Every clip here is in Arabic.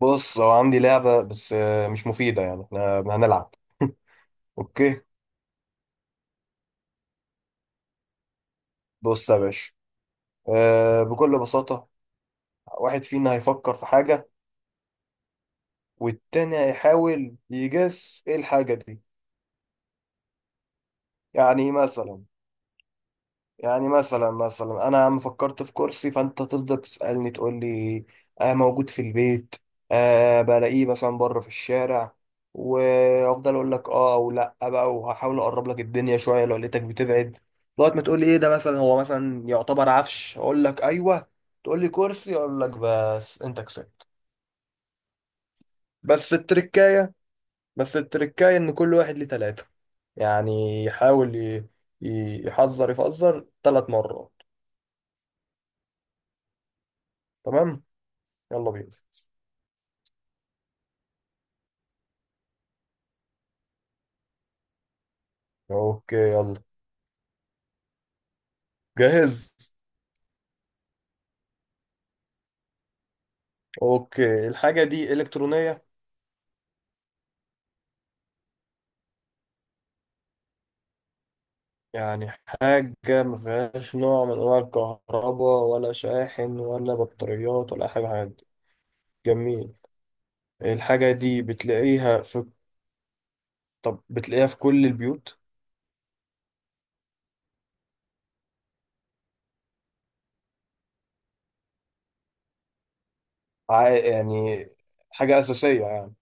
بص هو عندي لعبة بس مش مفيدة. يعني احنا هنلعب. اوكي. بص يا باشا، بكل بساطة واحد فينا هيفكر في حاجة، والتاني هيحاول يجس ايه الحاجة دي. يعني مثلا، يعني مثلا انا عم فكرت في كرسي، فانت تفضل تسالني تقول لي: آه، موجود في البيت؟ آه، بلاقيه مثلا بره في الشارع؟ وافضل اقول لك اه او لا بقى، وهحاول اقرب لك الدنيا شويه لو لقيتك بتبعد. لغايه ما تقول لي ايه ده. مثلا هو مثلا يعتبر عفش، اقول لك ايوه، تقول لي كرسي، اقول لك بس انت كسبت. بس التركايه، بس التركايه ان كل واحد ليه ثلاثه. يعني يحذر يفذر ثلاث مرات. تمام، يلا بينا. اوكي، يلا. جاهز. اوكي، الحاجة دي إلكترونية؟ يعني حاجة ما فيهاش نوع من أنواع الكهرباء ولا شاحن ولا بطاريات ولا أي حاجة من الحاجات دي؟ جميل. الحاجة دي بتلاقيها في، طب بتلاقيها في كل البيوت؟ يعني حاجة أساسية يعني؟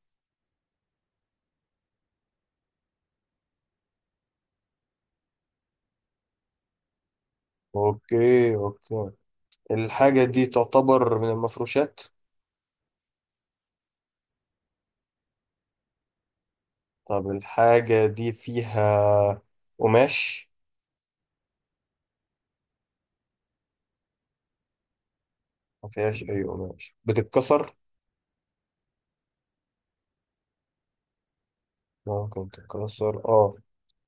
اوكي اوكي. الحاجة دي تعتبر من المفروشات؟ طب الحاجة دي فيها قماش؟ ما فيهاش أي قماش، بتتكسر؟ ممكن تتكسر، اه.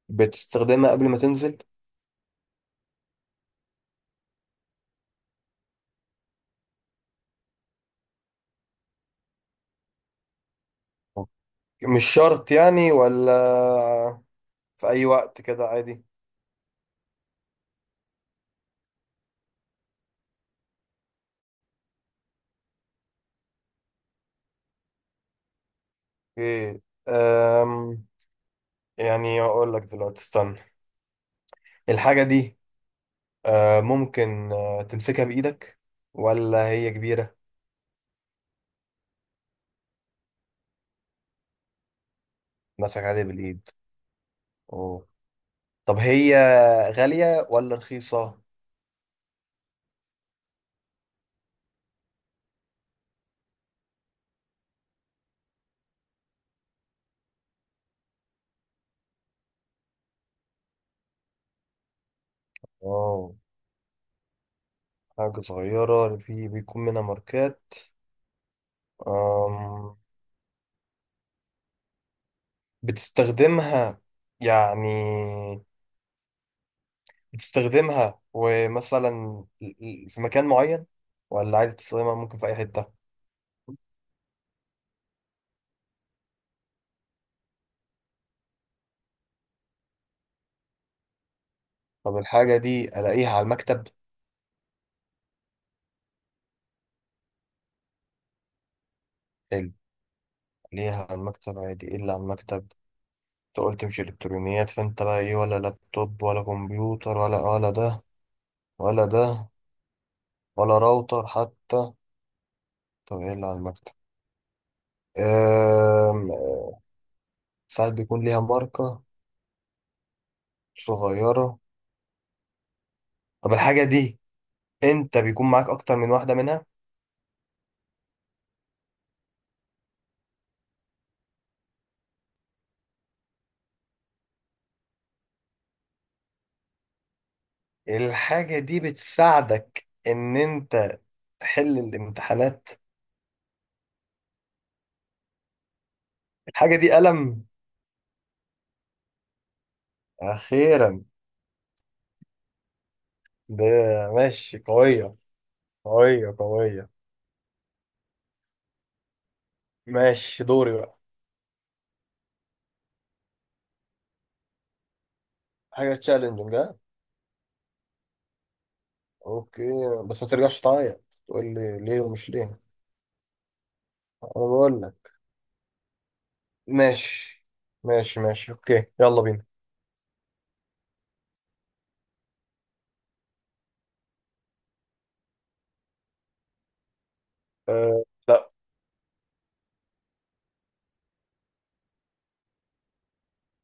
بتستخدمها قبل ما تنزل؟ أوكي. مش شرط يعني، ولا في أي وقت كده عادي؟ اوكي. أم يعني أقول لك دلوقتي، استنى. الحاجة دي ممكن تمسكها بإيدك ولا هي كبيرة؟ مسك عليها بالإيد، أوه. طب هي غالية ولا رخيصة؟ اه، حاجة صغيرة في بيكون منها ماركات. أم، بتستخدمها يعني، بتستخدمها ومثلا في مكان معين، ولا عادي تستخدمها ممكن في أي حتة؟ طب الحاجة دي ألاقيها على المكتب؟ حلو، ألاقيها على المكتب عادي. إيه اللي على المكتب؟ أنت قلت مش إلكترونيات، فأنت بقى إيه؟ ولا لابتوب ولا كمبيوتر ولا ده ولا ده ولا راوتر حتى؟ طب إيه اللي على المكتب؟ أم. ساعات بيكون ليها ماركة صغيرة. طب الحاجة دي أنت بيكون معاك أكتر من واحدة منها؟ الحاجة دي بتساعدك إن أنت تحل الامتحانات؟ الحاجة دي قلم؟ أخيرا. ده ماشي، قوية قوية. ماشي، دوري بقى. حاجة تشالنجنج، ها؟ أوكي. بس ما ترجعش تعيط تقول لي ليه ومش ليه. أنا بقول لك. ماشي، ماشي أوكي، يلا بينا. أه لا،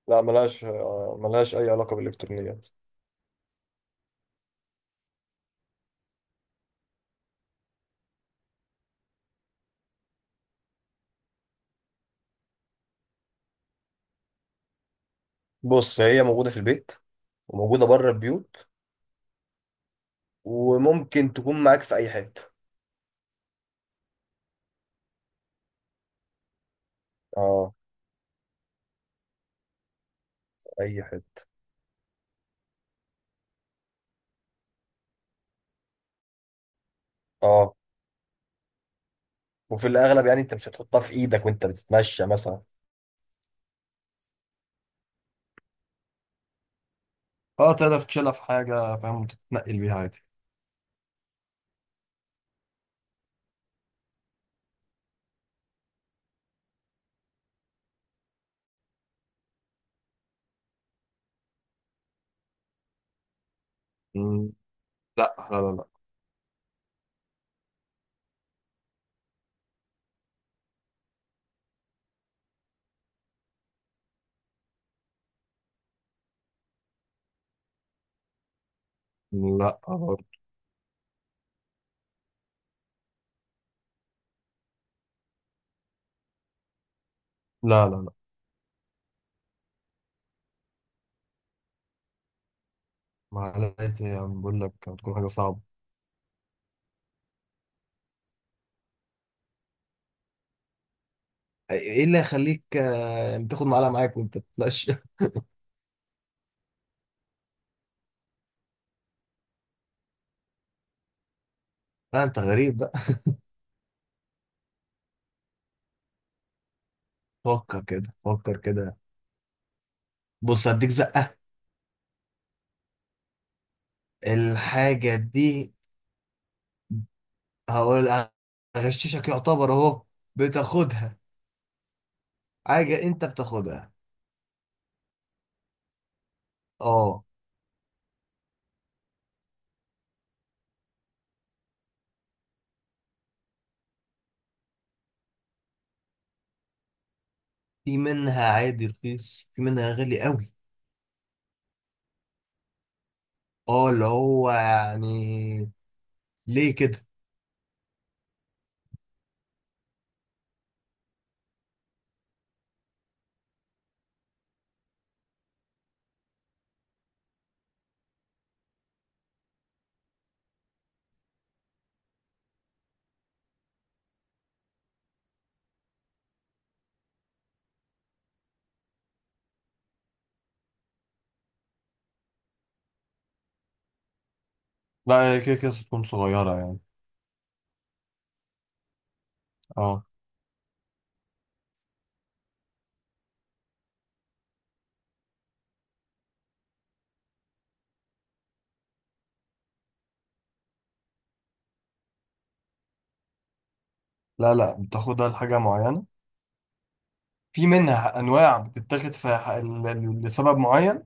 ملهاش أي علاقة بالإلكترونيات. بص، هي موجودة في البيت وموجودة بره البيوت، وممكن تكون معاك في أي حتة. اه. اي حته، اه. وفي الاغلب يعني انت مش هتحطها في ايدك وانت بتتمشى مثلا؟ اه، تقدر تشيلها في حاجة فاهم، وتتنقل بيها عادي. مم. لا لا لا. لا، لا برضه. لا لا لا. معلقتي يعني، بقول لك هتكون حاجة صعبة. ايه، إيه اللي يخليك تاخد معلقة معاك وانت بتتمشى؟ لا انت غريب بقى. فكر كده، فكر كده. بص، هديك زقة. الحاجة دي، هقول، هغششك يعتبر اهو. بتاخدها، حاجة انت بتاخدها. اه. في منها عادي رخيص، في منها غالي قوي. اه، اللي هو يعني ليه كده. لا، هي كده كده تكون صغيرة يعني. اه. لا لا، بتاخدها لحاجة معينة. في منها أنواع بتتاخد في لسبب معين،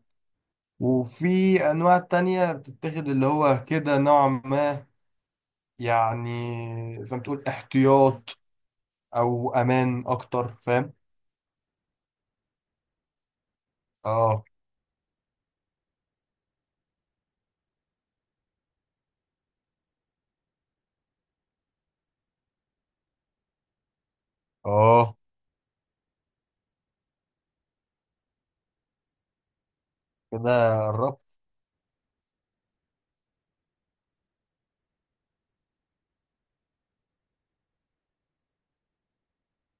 وفي أنواع تانية بتتاخد اللي هو كده نوع ما، يعني زي ما تقول احتياط أو أمان أكتر، فاهم؟ اه. اه كده قربت.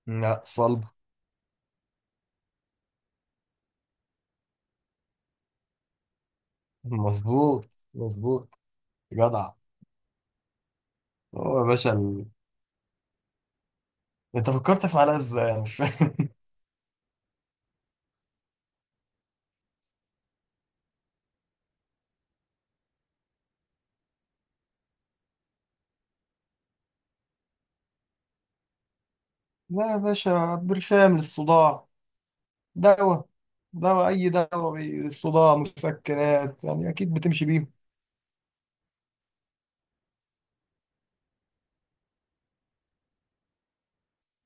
لا، صلب. مظبوط، مظبوط. جدع. هو يا باشا انت فكرت في علاج ازاي؟ انا مش فاهم. لا يا باشا، برشام للصداع، دواء. دواء، اي دواء للصداع، مسكنات يعني اكيد بتمشي بيهم.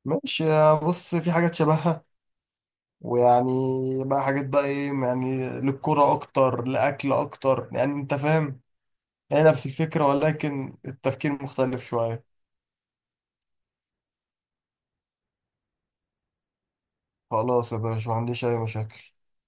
ماشي. يا بص، في حاجات شبهها، ويعني بقى حاجات بقى ايه، يعني للكرة اكتر، لاكل اكتر، يعني انت فاهم. هي نفس الفكرة، ولكن التفكير مختلف شوية. خلاص يا باشا، ما عنديش اي مشاكل.